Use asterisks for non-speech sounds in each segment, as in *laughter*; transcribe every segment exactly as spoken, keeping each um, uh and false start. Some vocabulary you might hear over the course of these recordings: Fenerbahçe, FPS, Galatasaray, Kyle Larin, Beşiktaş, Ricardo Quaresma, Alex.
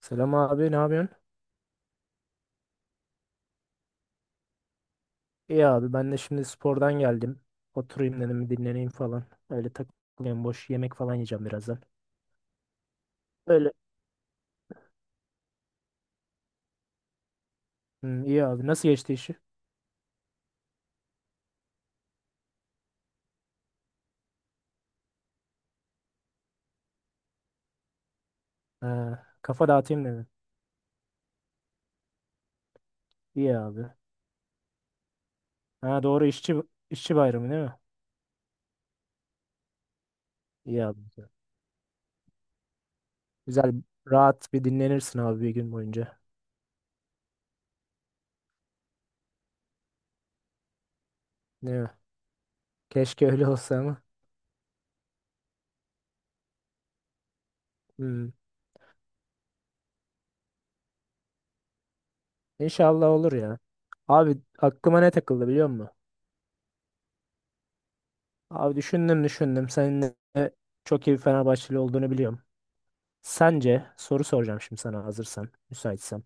Selam abi, ne yapıyorsun? İyi abi, ben de şimdi spordan geldim. Oturayım dedim, dinleneyim falan. Öyle takılayım, boş yemek falan yiyeceğim birazdan. Öyle. Hı, iyi abi, nasıl geçti işi? Ha, kafa dağıtayım dedim. İyi abi. Ha doğru, işçi işçi bayramı değil mi? İyi abi. Güzel, rahat bir dinlenirsin abi bir gün boyunca. Değil mi? Keşke öyle olsa ama. Hı, İnşallah olur ya. Abi aklıma ne takıldı biliyor musun? Abi düşündüm düşündüm. Senin de çok iyi bir Fenerbahçeli olduğunu biliyorum. Sence soru soracağım şimdi sana hazırsan, müsaitsen.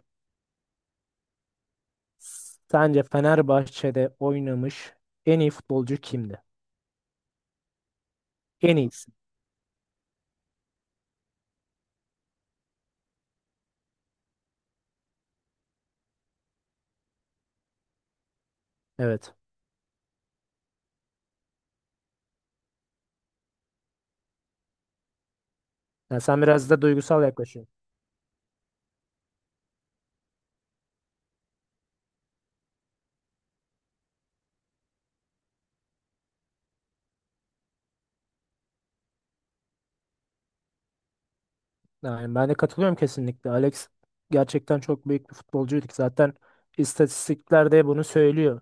Sence Fenerbahçe'de oynamış en iyi futbolcu kimdi? En iyisi. Evet. Yani sen biraz da duygusal yaklaşıyorsun. Yani ben de katılıyorum kesinlikle. Alex gerçekten çok büyük bir futbolcuydu. ki. Zaten istatistikler de bunu söylüyor.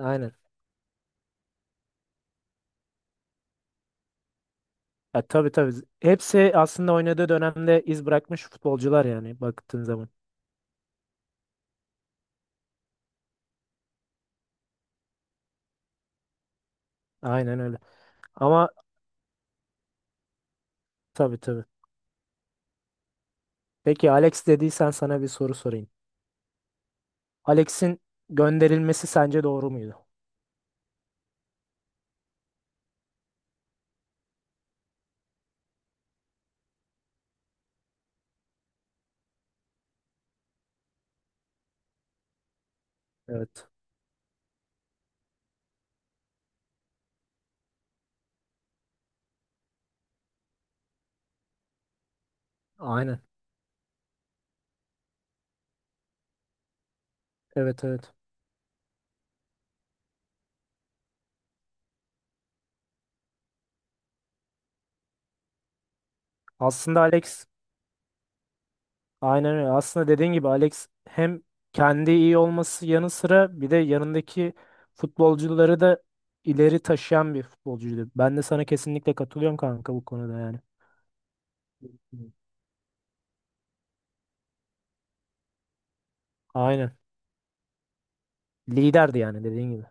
Aynen. Ya, tabii tabii. Hepsi aslında oynadığı dönemde iz bırakmış futbolcular yani baktığın zaman. Aynen öyle. Ama tabii tabii. Peki Alex dediysen sana bir soru sorayım. Alex'in gönderilmesi sence doğru muydu? Evet. Aynen. Evet evet. Aslında Alex aynen öyle. Aslında dediğin gibi Alex hem kendi iyi olması yanı sıra bir de yanındaki futbolcuları da ileri taşıyan bir futbolcuydu. Ben de sana kesinlikle katılıyorum kanka bu konuda yani. Aynen. Liderdi yani dediğin gibi.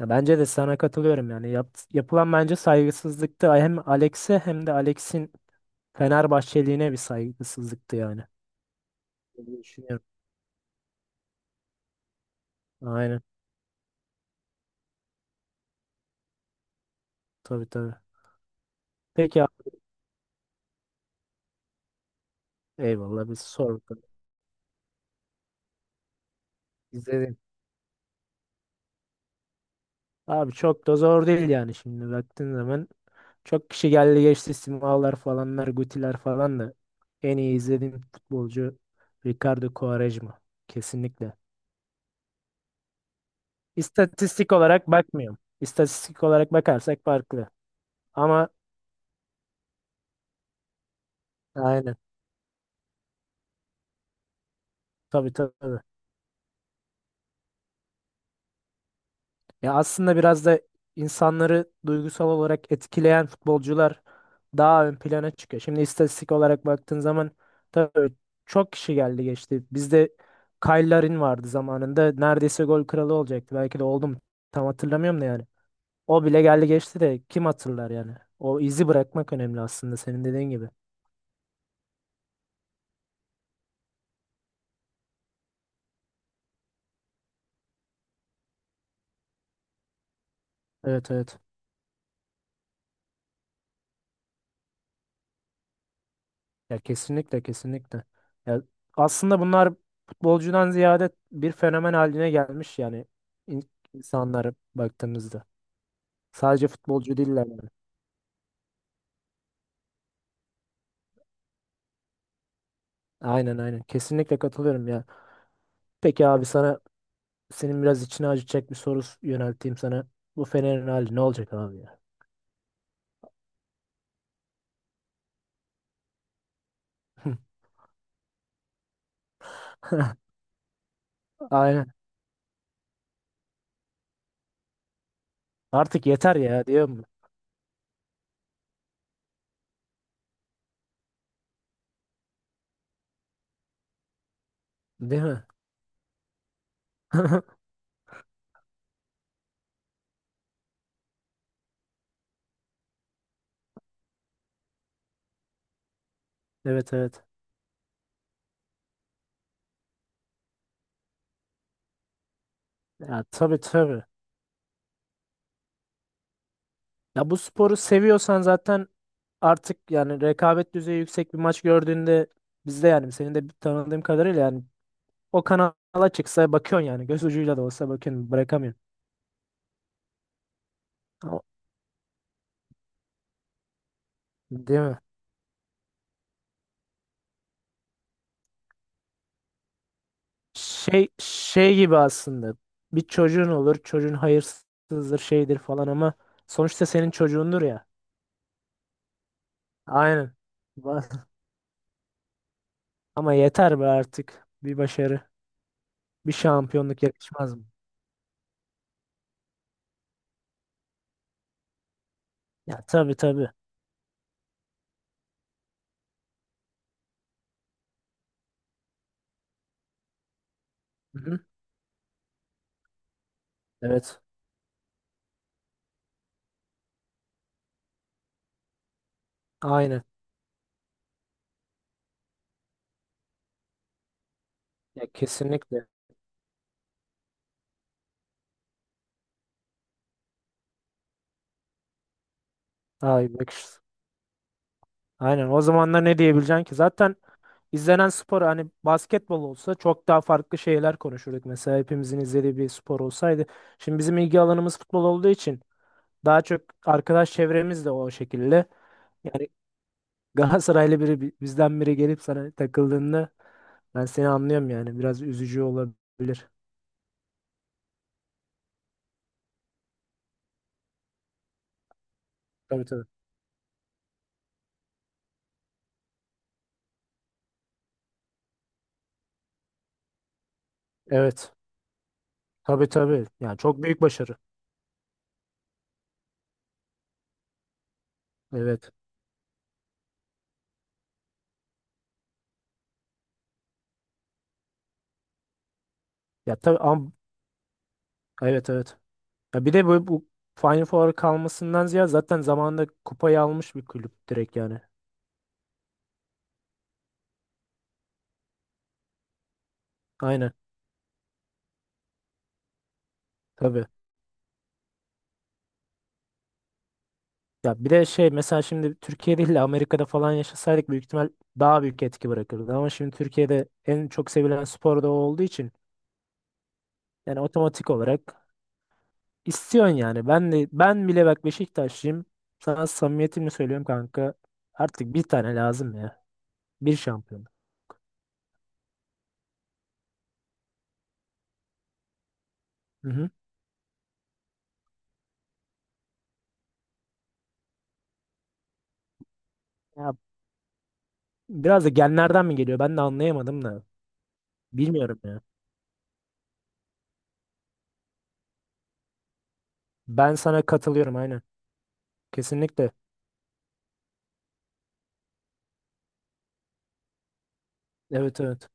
Ya bence de sana katılıyorum yani. Yap- yapılan bence saygısızlıktı hem Alex'e hem de Alex'in Fenerbahçeliğine bir saygısızlıktı yani. Öyle düşünüyorum. Aynen. Tabii tabii. Peki abi. Eyvallah biz sorduk. İzledim. Abi çok da zor değil yani şimdi baktığın zaman. Çok kişi geldi geçti Simalar falanlar Gutiler falan da. En iyi izlediğim futbolcu Ricardo Quaresma. Kesinlikle. İstatistik olarak bakmıyorum. İstatistik olarak bakarsak farklı. Ama aynen. Tabii tabii. Ya aslında biraz da insanları duygusal olarak etkileyen futbolcular daha ön plana çıkıyor. Şimdi istatistik olarak baktığın zaman tabii çok kişi geldi geçti. Bizde Kyle Larin vardı zamanında. Neredeyse gol kralı olacaktı. Belki de oldum. Tam hatırlamıyorum da yani. O bile geldi geçti de kim hatırlar yani. O izi bırakmak önemli aslında senin dediğin gibi. Evet evet. Ya kesinlikle kesinlikle. Ya aslında bunlar futbolcudan ziyade bir fenomen haline gelmiş yani in- insanlara baktığımızda. Sadece futbolcu değiller yani. Aynen aynen. Kesinlikle katılıyorum ya. Peki abi sana senin biraz içine acıtacak bir soru s- yönelteyim sana. Bu Fener'in hali ne olacak abi ya? *laughs* Aynen. Artık yeter ya diyorum. Değil mi? *laughs* Evet evet. Ya tabii tabii. Ya bu sporu seviyorsan zaten artık yani rekabet düzeyi yüksek bir maç gördüğünde bizde yani senin de tanıdığım kadarıyla yani o kanala çıksa bakıyorsun yani göz ucuyla da olsa bakıyorsun bırakamıyorsun. Ama değil mi? Şey şey gibi aslında bir çocuğun olur çocuğun hayırsızdır şeydir falan ama sonuçta senin çocuğundur ya. Aynen. Ba- *laughs* Ama yeter be artık bir başarı bir şampiyonluk yakışmaz mı? Ya tabii tabii. Hı-hı. Evet. Aynen. Ya kesinlikle. Ay bak işte. Aynen o zamanlar ne diyebileceksin ki? Zaten izlenen spor hani basketbol olsa çok daha farklı şeyler konuşurduk. Mesela hepimizin izlediği bir spor olsaydı. Şimdi bizim ilgi alanımız futbol olduğu için daha çok arkadaş çevremiz de o şekilde. Yani *laughs* Galatasaraylı biri bi- bizden biri gelip sana takıldığında ben seni anlıyorum yani. Biraz üzücü olabilir. Tabii tabii. Evet. Tabii tabii. Yani çok büyük başarı. Evet. Ya tabii ama evet evet. Ya bir de bu, bu Final Four'a kalmasından ziyade zaten zamanında kupayı almış bir kulüp direkt yani. Aynen. Tabii. Ya bir de şey mesela şimdi Türkiye değil de Amerika'da falan yaşasaydık büyük ihtimal daha büyük etki bırakırdı. Ama şimdi Türkiye'de en çok sevilen spor da o olduğu için yani otomatik olarak istiyorsun yani. Ben de ben bile bak Beşiktaşlıyım. Sana samimiyetimle söylüyorum kanka. Artık bir tane lazım ya. Bir şampiyon. Hı hı. Ya biraz da genlerden mi geliyor? Ben de anlayamadım da. Bilmiyorum ya. Ben sana katılıyorum aynen. Kesinlikle. Evet evet.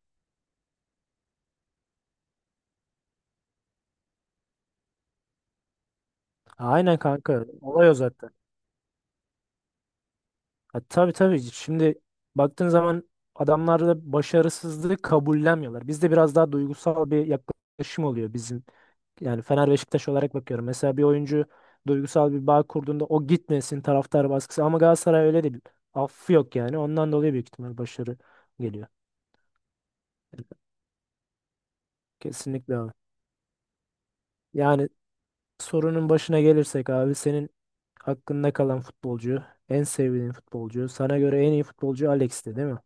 Aynen kanka. Olay o zaten. Ha, tabii tabii. Şimdi baktığın zaman adamlar da başarısızlığı kabullenmiyorlar. Bizde biraz daha duygusal bir yaklaşım oluyor bizim. Yani Fener Beşiktaş olarak bakıyorum. Mesela bir oyuncu duygusal bir bağ kurduğunda o gitmesin taraftar baskısı. Ama Galatasaray öyle değil. Affı yok yani. Ondan dolayı büyük ihtimal başarı geliyor. Kesinlikle abi. Yani sorunun başına gelirsek abi senin hakkında kalan futbolcu, en sevdiğin futbolcu, sana göre en iyi futbolcu Alex'ti değil mi?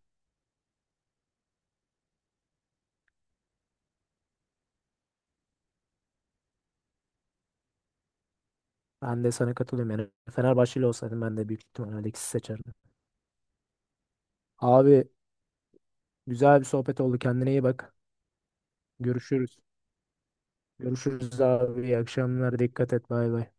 Ben de sana katılıyorum yani. Fenerbahçeli olsaydım ben de büyük ihtimal Alex'i seçerdim. Abi güzel bir sohbet oldu. Kendine iyi bak. Görüşürüz. Görüşürüz abi. İyi akşamlar. Dikkat et. Bay bay.